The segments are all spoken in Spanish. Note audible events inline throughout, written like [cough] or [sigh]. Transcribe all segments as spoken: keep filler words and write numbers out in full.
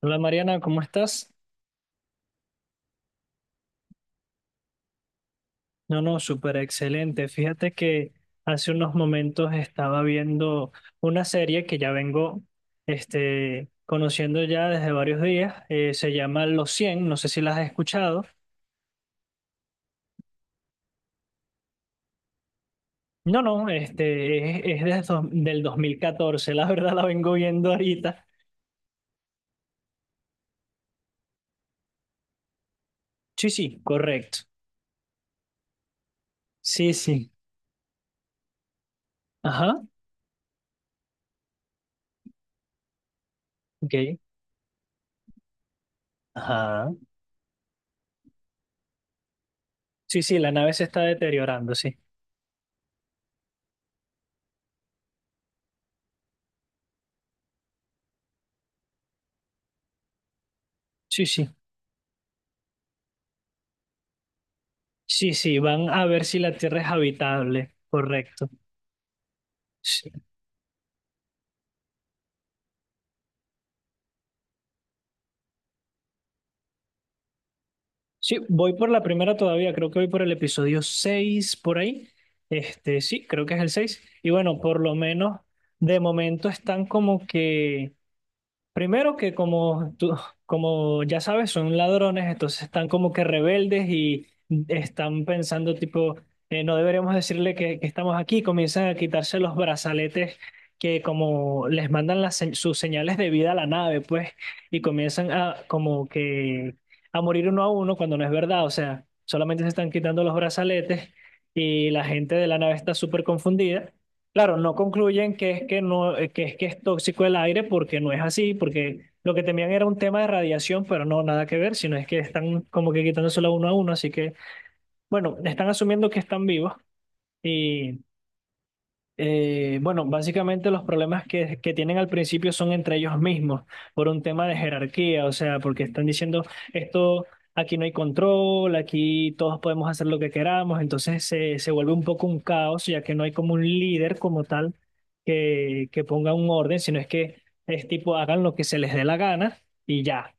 Hola Mariana, ¿cómo estás? No, no, súper excelente. Fíjate que hace unos momentos estaba viendo una serie que ya vengo este, conociendo ya desde varios días. Eh, se llama Los Cien. No sé si las has escuchado. No, no, este, es, es desde dos- del dos mil catorce. [laughs] La verdad la vengo viendo ahorita. Sí, sí, correcto. Sí, sí. Ajá, ok. Ajá. Sí, sí, la nave se está deteriorando, sí. Sí, sí. Sí, sí, van a ver si la Tierra es habitable, correcto. Sí, sí, voy por la primera todavía, creo que voy por el episodio seis por ahí. Este, sí, creo que es el seis. Y bueno, por lo menos de momento están como que primero que como tú, como ya sabes, son ladrones, entonces están como que rebeldes y están pensando tipo, eh, no deberíamos decirle que, que estamos aquí, comienzan a quitarse los brazaletes que como les mandan las, se- sus señales de vida a la nave, pues, y comienzan a como que a morir uno a uno cuando no es verdad, o sea, solamente se están quitando los brazaletes y la gente de la nave está súper confundida. Claro, no concluyen que es que no, eh, que es que es tóxico el aire porque no es así, porque lo que temían era un tema de radiación, pero no, nada que ver, sino es que están como que quitándosela uno a uno, así que, bueno, están asumiendo que están vivos y. Eh, bueno, básicamente los problemas que, que tienen al principio son entre ellos mismos, por un tema de jerarquía, o sea, porque están diciendo esto, aquí no hay control, aquí todos podemos hacer lo que queramos, entonces se, se vuelve un poco un caos, ya que no hay como un líder como tal que, que ponga un orden, sino es que es tipo hagan lo que se les dé la gana y ya.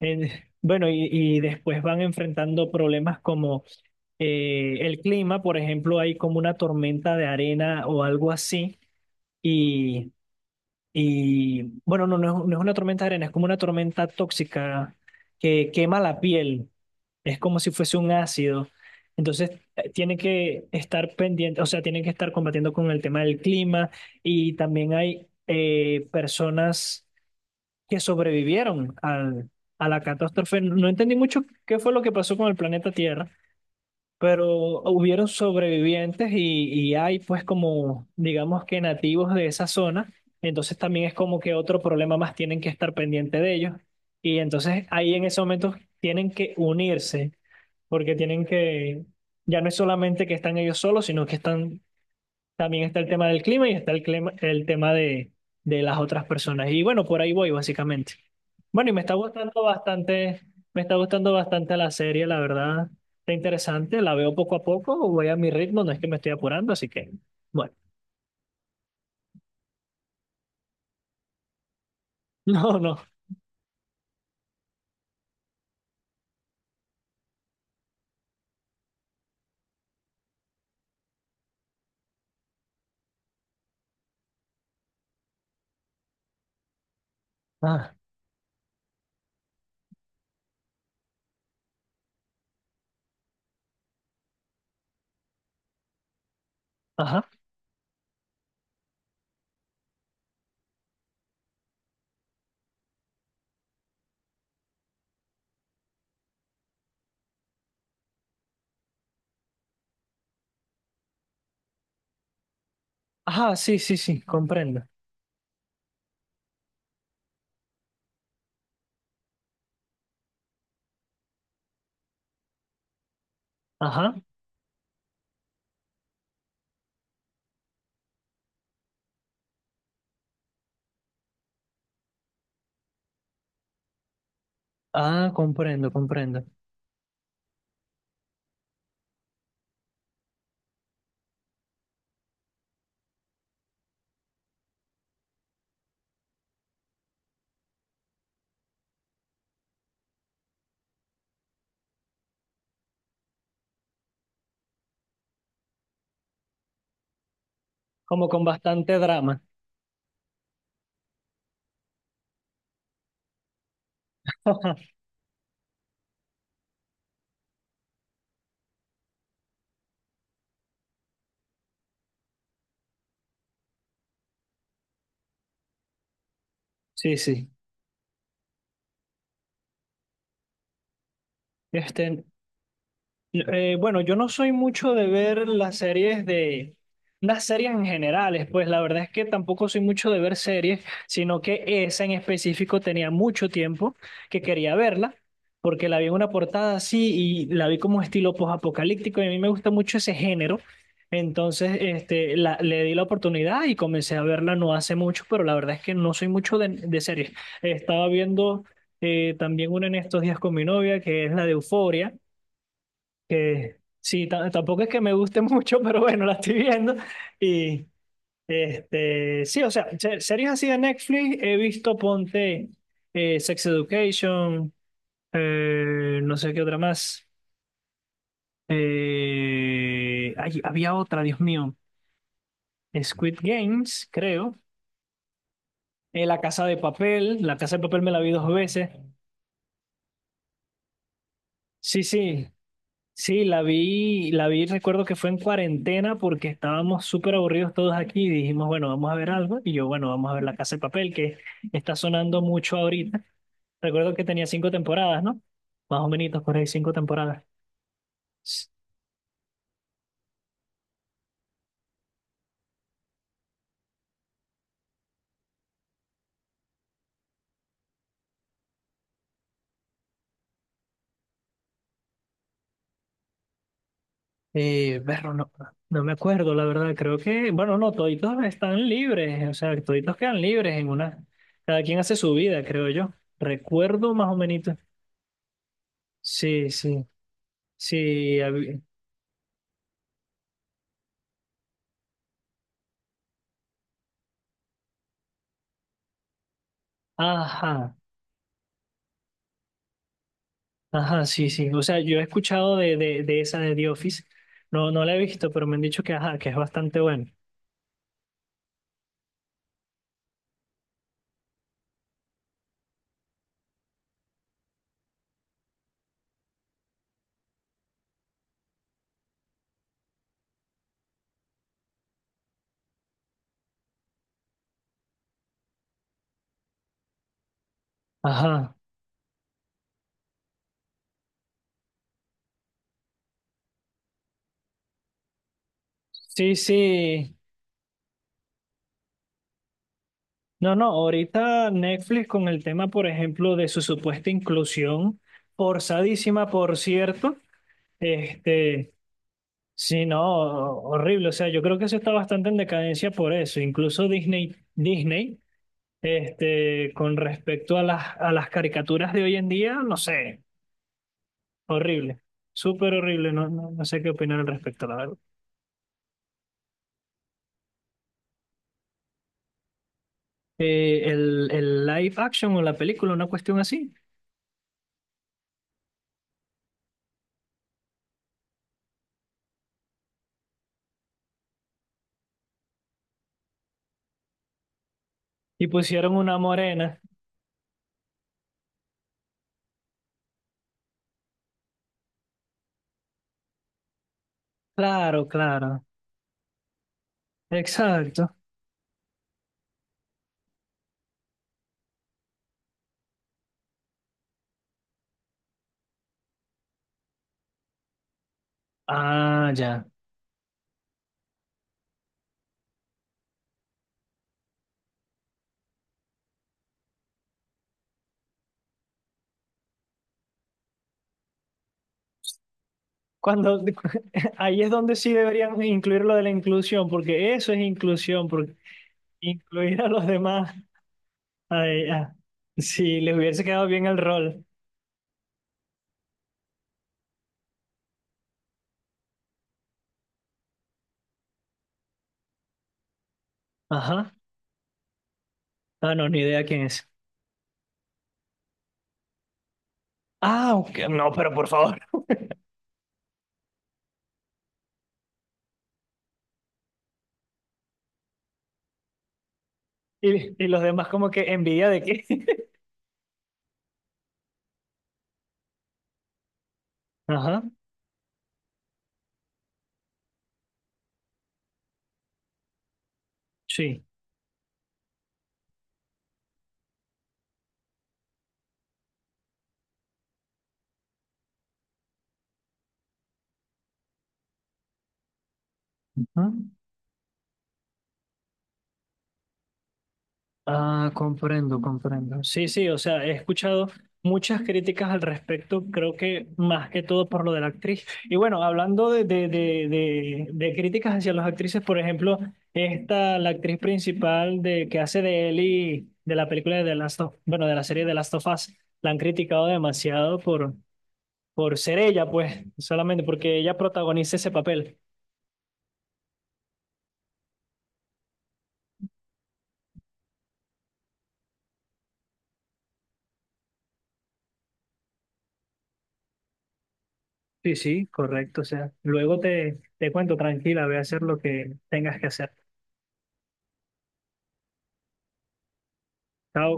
En- bueno, y, y después van enfrentando problemas como eh, el clima, por ejemplo, hay como una tormenta de arena o algo así. Y, y, bueno, no, no es, no es una tormenta de arena, es como una tormenta tóxica que quema la piel. Es como si fuese un ácido. Entonces, eh, tiene que estar pendiente, o sea, tienen que estar combatiendo con el tema del clima. Y también hay eh, personas que sobrevivieron al- a la catástrofe. No entendí mucho qué fue lo que pasó con el planeta Tierra, pero hubieron sobrevivientes y, y hay pues como, digamos que nativos de esa zona, entonces también es como que otro problema más tienen que estar pendiente de ellos. Y entonces ahí en ese momento tienen que unirse, porque tienen que, ya no es solamente que están ellos solos, sino que están también está el tema del clima y está el, clima- el tema de, de las otras personas. Y bueno, por ahí voy básicamente. Bueno, y me está gustando bastante, me está gustando bastante la serie, la verdad. Está interesante, la veo poco a poco, voy a mi ritmo, no es que me estoy apurando, así que, bueno, [laughs] no, no. Ah, ajá. Ajá, sí, sí, sí, comprendo. Ajá. Ah, comprendo, comprendo. Como con bastante drama. [laughs] Sí, sí. Este, Eh, bueno, yo no soy mucho de ver las series de... Las series en generales, pues la verdad es que tampoco soy mucho de ver series, sino que esa en específico tenía mucho tiempo que quería verla, porque la vi en una portada así y la vi como estilo post-apocalíptico y a mí me gusta mucho ese género. Entonces, este, la, le di la oportunidad y comencé a verla no hace mucho, pero la verdad es que no soy mucho de, de series. Estaba viendo eh, también una en estos días con mi novia, que es la de Euforia, que sí, ta- tampoco es que me guste mucho, [laughs] pero bueno, la estoy viendo. Y este, sí, o sea, se- series así de Netflix he visto, ponte eh, Sex Education, eh, no sé qué otra más. Eh, ay, había otra, Dios mío, Squid Games, creo. eh, La Casa de Papel, La Casa de Papel me la vi dos veces. Sí, sí, sí, la vi, la vi, recuerdo que fue en cuarentena porque estábamos súper aburridos todos aquí y dijimos, bueno, vamos a ver algo. Y yo, bueno, vamos a ver La Casa de Papel, que está sonando mucho ahorita. Recuerdo que tenía cinco temporadas, ¿no? Más o menos, por ahí cinco temporadas. Eh, berro, no, no me acuerdo, la verdad. Creo que, bueno, no, toditos están libres, o sea, toditos quedan libres en una. Cada quien hace su vida, creo yo. Recuerdo más o menos. Sí, sí, sí. hab- Ajá. Ajá, sí, sí. O sea, yo he escuchado de, de, de esa de The Office. No, no la he visto, pero me han dicho que, ajá, que es bastante buena. Ajá. Sí, sí. No, no, ahorita Netflix con el tema, por ejemplo, de su supuesta inclusión, forzadísima, por cierto. Este, sí, no, horrible. O sea, yo creo que eso está bastante en decadencia por eso. Incluso Disney, Disney, este, con respecto a las, a las caricaturas de hoy en día, no sé. Horrible, súper horrible, no, no, no sé qué opinar al respecto, la verdad. Eh, el, el live action o la película, una cuestión así, y pusieron una morena. Claro, claro, exacto. Ah, ya. Cuando, [laughs] ahí es donde sí deberían incluir lo de la inclusión, porque eso es inclusión, porque incluir a los demás, ay, ah, si les hubiese quedado bien el rol. Ajá. Ah, no, ni idea quién es. Ah, ok, no, pero por favor. [laughs] Y, y los demás como que envidia de qué. [laughs] Ajá. Sí. Ah, ah, comprendo, comprendo. Sí, sí, o sea, he escuchado muchas críticas al respecto, creo que más que todo por lo de la actriz. Y bueno, hablando de, de, de, de, de críticas hacia las actrices, por ejemplo, esta, la actriz principal de, que hace de Ellie, de la película de The Last of, bueno, de la serie de Last of Us, la han criticado demasiado por, por ser ella, pues, solamente porque ella protagoniza ese papel. Sí, sí, correcto. O sea, luego te, te cuento, tranquila, ve a hacer lo que tengas que hacer. Chao.